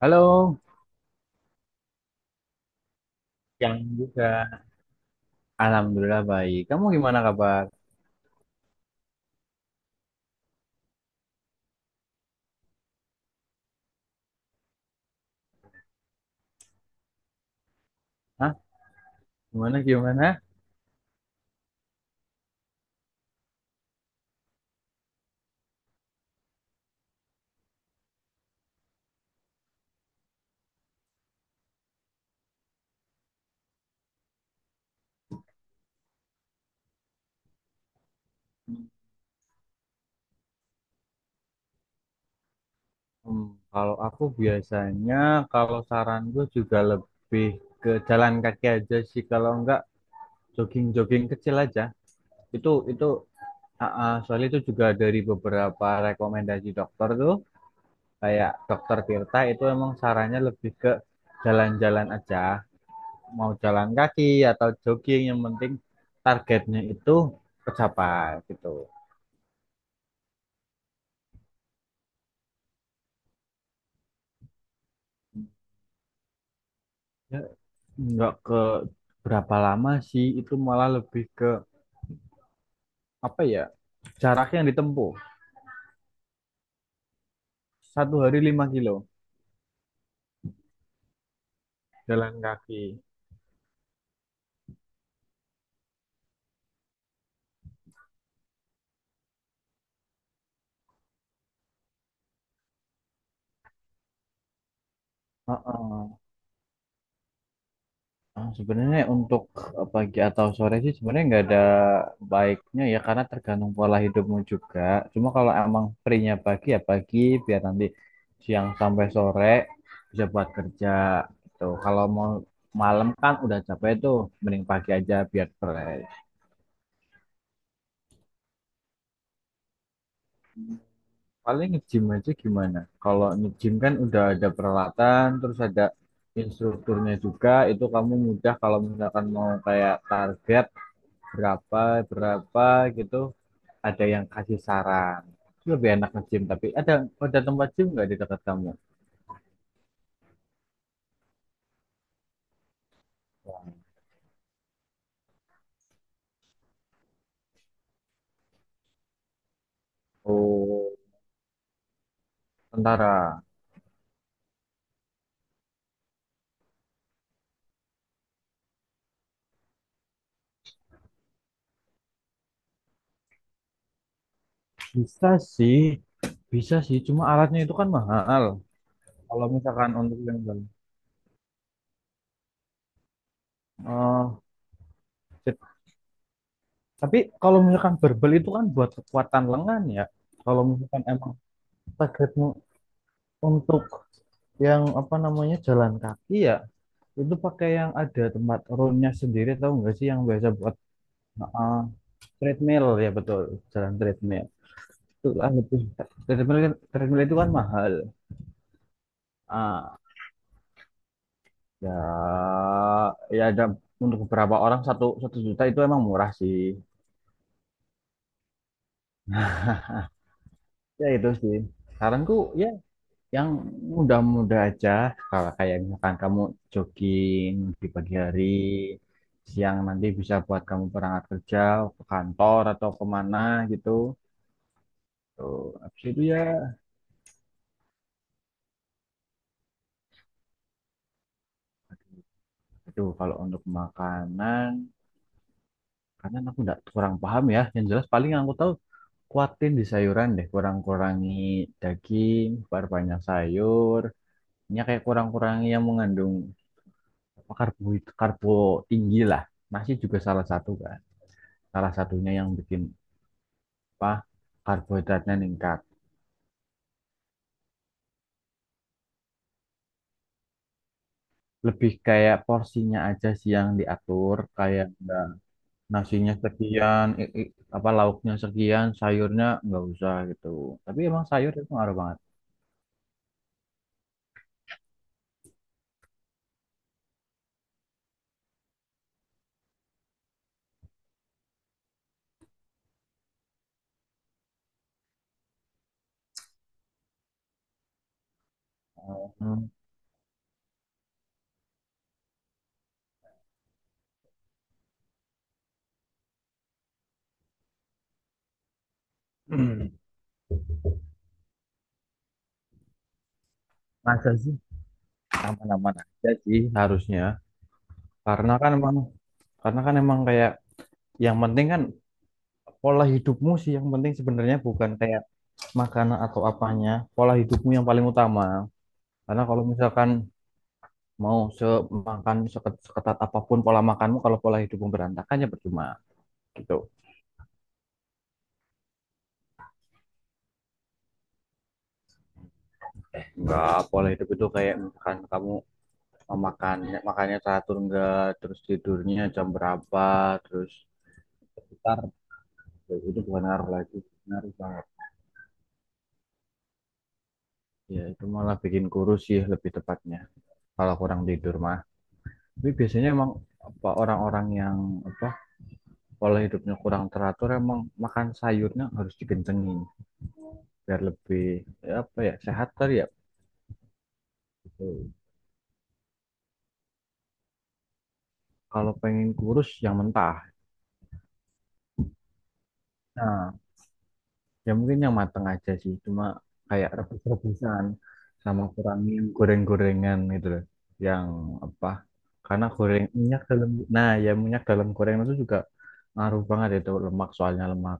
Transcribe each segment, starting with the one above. Halo, yang juga. Alhamdulillah baik. Kamu gimana kabar? Hah? Gimana gimana? Hmm, kalau aku biasanya kalau saran gue juga lebih ke jalan kaki aja sih. Kalau enggak jogging-jogging kecil aja. Itu itu soalnya itu juga dari beberapa rekomendasi dokter tuh, kayak dokter Tirta itu emang sarannya lebih ke jalan-jalan aja. Mau jalan kaki atau jogging yang penting targetnya itu tercapai gitu. Nggak ke berapa lama sih, itu malah lebih ke apa ya, jarak yang ditempuh. Satu hari 5 kilo. Jalan kaki. Heeh. Sebenarnya untuk pagi atau sore sih sebenarnya nggak ada baiknya ya, karena tergantung pola hidupmu juga. Cuma kalau emang free-nya pagi ya pagi, biar nanti siang sampai sore bisa buat kerja gitu. Kalau mau malam kan udah capek tuh, mending pagi aja biar fresh. Paling nge-gym aja gimana? Kalau nge-gym kan udah ada peralatan, terus ada instrukturnya juga. Itu kamu mudah kalau misalkan mau kayak target berapa berapa gitu, ada yang kasih saran. Itu lebih enak nge-gym. Tapi ada tempat gym nggak di dekat kamu? Oh, tentara. Bisa sih, bisa sih. Cuma alatnya itu kan mahal. Kalau misalkan untuk yang eh fit. Tapi kalau misalkan barbel itu kan buat kekuatan lengan ya. Kalau misalkan emang targetmu untuk yang apa namanya jalan kaki ya, itu pakai yang ada tempat roundnya sendiri, tahu nggak sih yang biasa buat uh, treadmill, ya betul, jalan treadmill. Itu kan lebih treadmill itu kan mahal. ah Ya, ya, ada. Untuk beberapa orang satu satu juta itu emang murah sih. Ya itu sih saranku, ya. Yang mudah-mudah aja, kalau kayak misalkan kamu jogging di pagi hari, siang nanti bisa buat kamu berangkat kerja, ke kantor atau kemana gitu. Tuh, habis itu ya, aduh kalau untuk makanan, karena aku nggak kurang paham ya. Yang jelas paling yang aku tahu, kuatin di sayuran deh, kurang-kurangi daging, perbanyak sayur. Ya kayak kurang-kurangi yang mengandung apa, karbo, karbo tinggi lah. Nasi juga salah satu kan. Salah satunya yang bikin apa karbohidratnya ningkat. Lebih kayak porsinya aja sih yang diatur, kayak nggak nasinya sekian, apa lauknya sekian, sayurnya nggak usah gitu. Tapi emang sayur itu ngaruh banget. Hmm. Masa sih, aman-aman aja sih harusnya. Karena kan emang karena kan emang kayak yang penting kan pola hidupmu sih yang penting, sebenarnya bukan kayak makanan atau apanya, pola hidupmu yang paling utama. Karena kalau misalkan mau seketat apapun pola makanmu, kalau pola hidupmu berantakan ya percuma gitu. Enggak, pola hidup itu kayak misalkan kamu makan makannya teratur enggak, terus tidurnya jam berapa, terus ntar itu bukan ngaruh lagi, ngaruh banget. Ya itu malah bikin kurus sih, lebih tepatnya kalau kurang tidur mah. Tapi biasanya emang apa, orang-orang yang apa pola hidupnya kurang teratur emang makan sayurnya harus dikencengin biar lebih, ya apa ya, sehat kali ya gitu. Kalau pengen kurus yang mentah. Nah, ya mungkin yang mateng aja sih. Cuma kayak rebus-rebusan, sama kurangi yang goreng-gorengan gitu loh. Yang apa? Karena goreng minyak dalam, nah ya minyak dalam gorengan itu juga ngaruh banget, itu lemak soalnya, lemak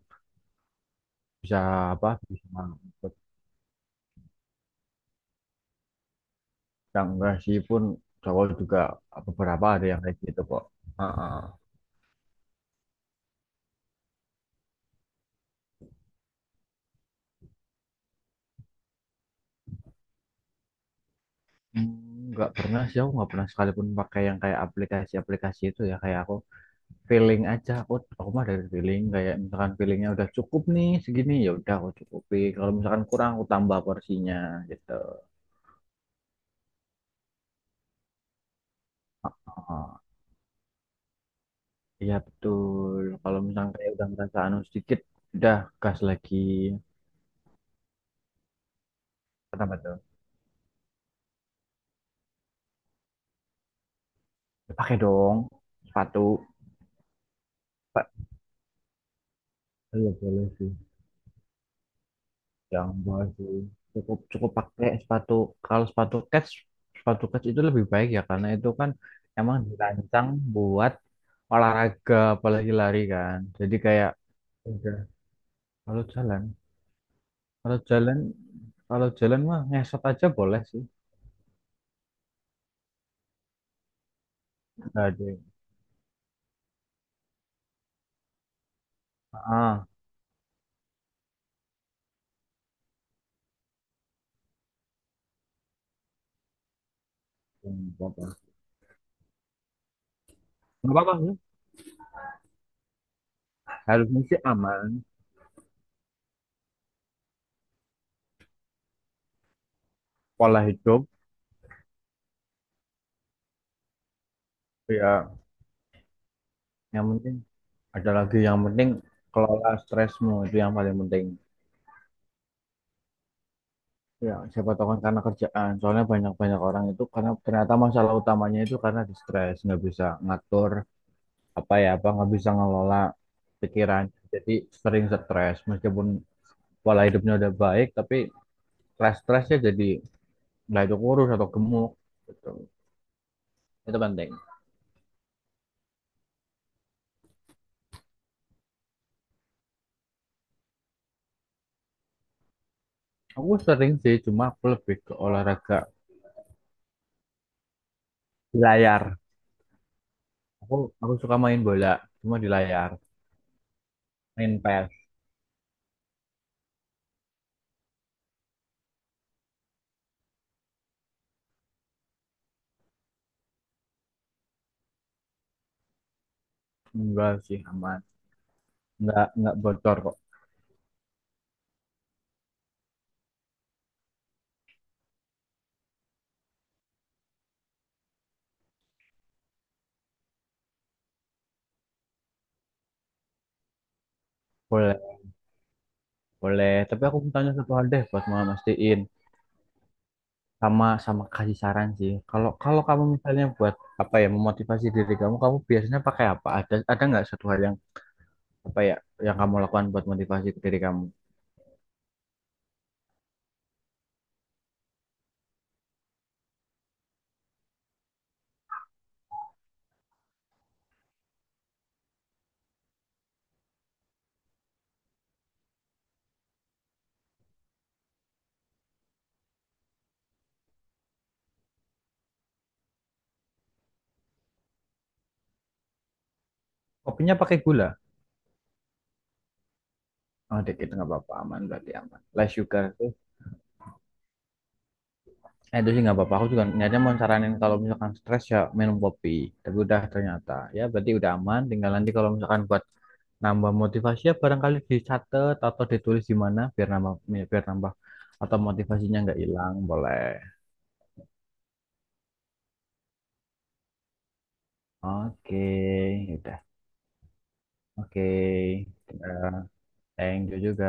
bisa apa, bisa ikut. Yang sih pun cowok juga beberapa ada yang kayak gitu kok. Heeh. Nggak pernah sih, aku nggak pernah sekalipun pakai yang kayak aplikasi-aplikasi itu ya. Kayak aku feeling aja, aku mah dari feeling, kayak misalkan feelingnya udah cukup nih segini, ya udah aku cukupin. Kalau misalkan kurang aku tambah porsinya gitu. Oh, iya betul, kalau misalkan kayak udah ngerasa anu sedikit, udah gas lagi. Kenapa tuh? Ya, pakai dong sepatu, Pak. Iya boleh sih, jangan, boleh sih, cukup cukup pakai sepatu. Kalau sepatu kets, itu lebih baik ya, karena itu kan emang dirancang buat olahraga, apalagi lari kan, jadi kayak. Kalau jalan, kalau jalan, kalau jalan mah ngesot aja boleh sih. Nggak ada. Ah, nggak apa-apa. Nggak apa-apa sih. Harusnya sih aman. Pola hidup, ya. Yang penting ada lagi. Yang penting kelola stresmu, itu yang paling penting. Ya, siapa tahu kan karena kerjaan. Soalnya banyak-banyak orang itu karena ternyata masalah utamanya itu karena di stres, nggak bisa ngatur apa ya apa, nggak bisa ngelola pikiran. Jadi sering stres meskipun pola hidupnya udah baik, tapi stres-stresnya jadi, nah itu kurus atau gemuk gitu. Itu penting. Aku sering sih, cuma aku lebih ke olahraga di layar. Aku aku suka main bola, cuma di layar. Main PES. Enggak sih, aman. Enggak bocor kok. Boleh, boleh. Tapi aku mau tanya satu hal deh buat mastiin, sama sama kasih saran sih. Kalau kalau kamu misalnya buat apa ya memotivasi diri kamu, kamu biasanya pakai apa? Ada nggak satu hal yang apa ya yang kamu lakukan buat motivasi ke diri kamu? Kopinya pakai gula. Oh, dikit nggak apa-apa, aman berarti aman. Less sugar tuh, itu sih nggak apa-apa. Aku juga niatnya mau saranin kalau misalkan stres ya minum kopi. Tapi udah ternyata, ya berarti udah aman. Tinggal nanti kalau misalkan buat nambah motivasi, ya barangkali dicatat atau ditulis di mana, biar nambah, ya, biar nambah atau motivasinya nggak hilang, boleh. Oke, udah. Oke, eh, thank you juga.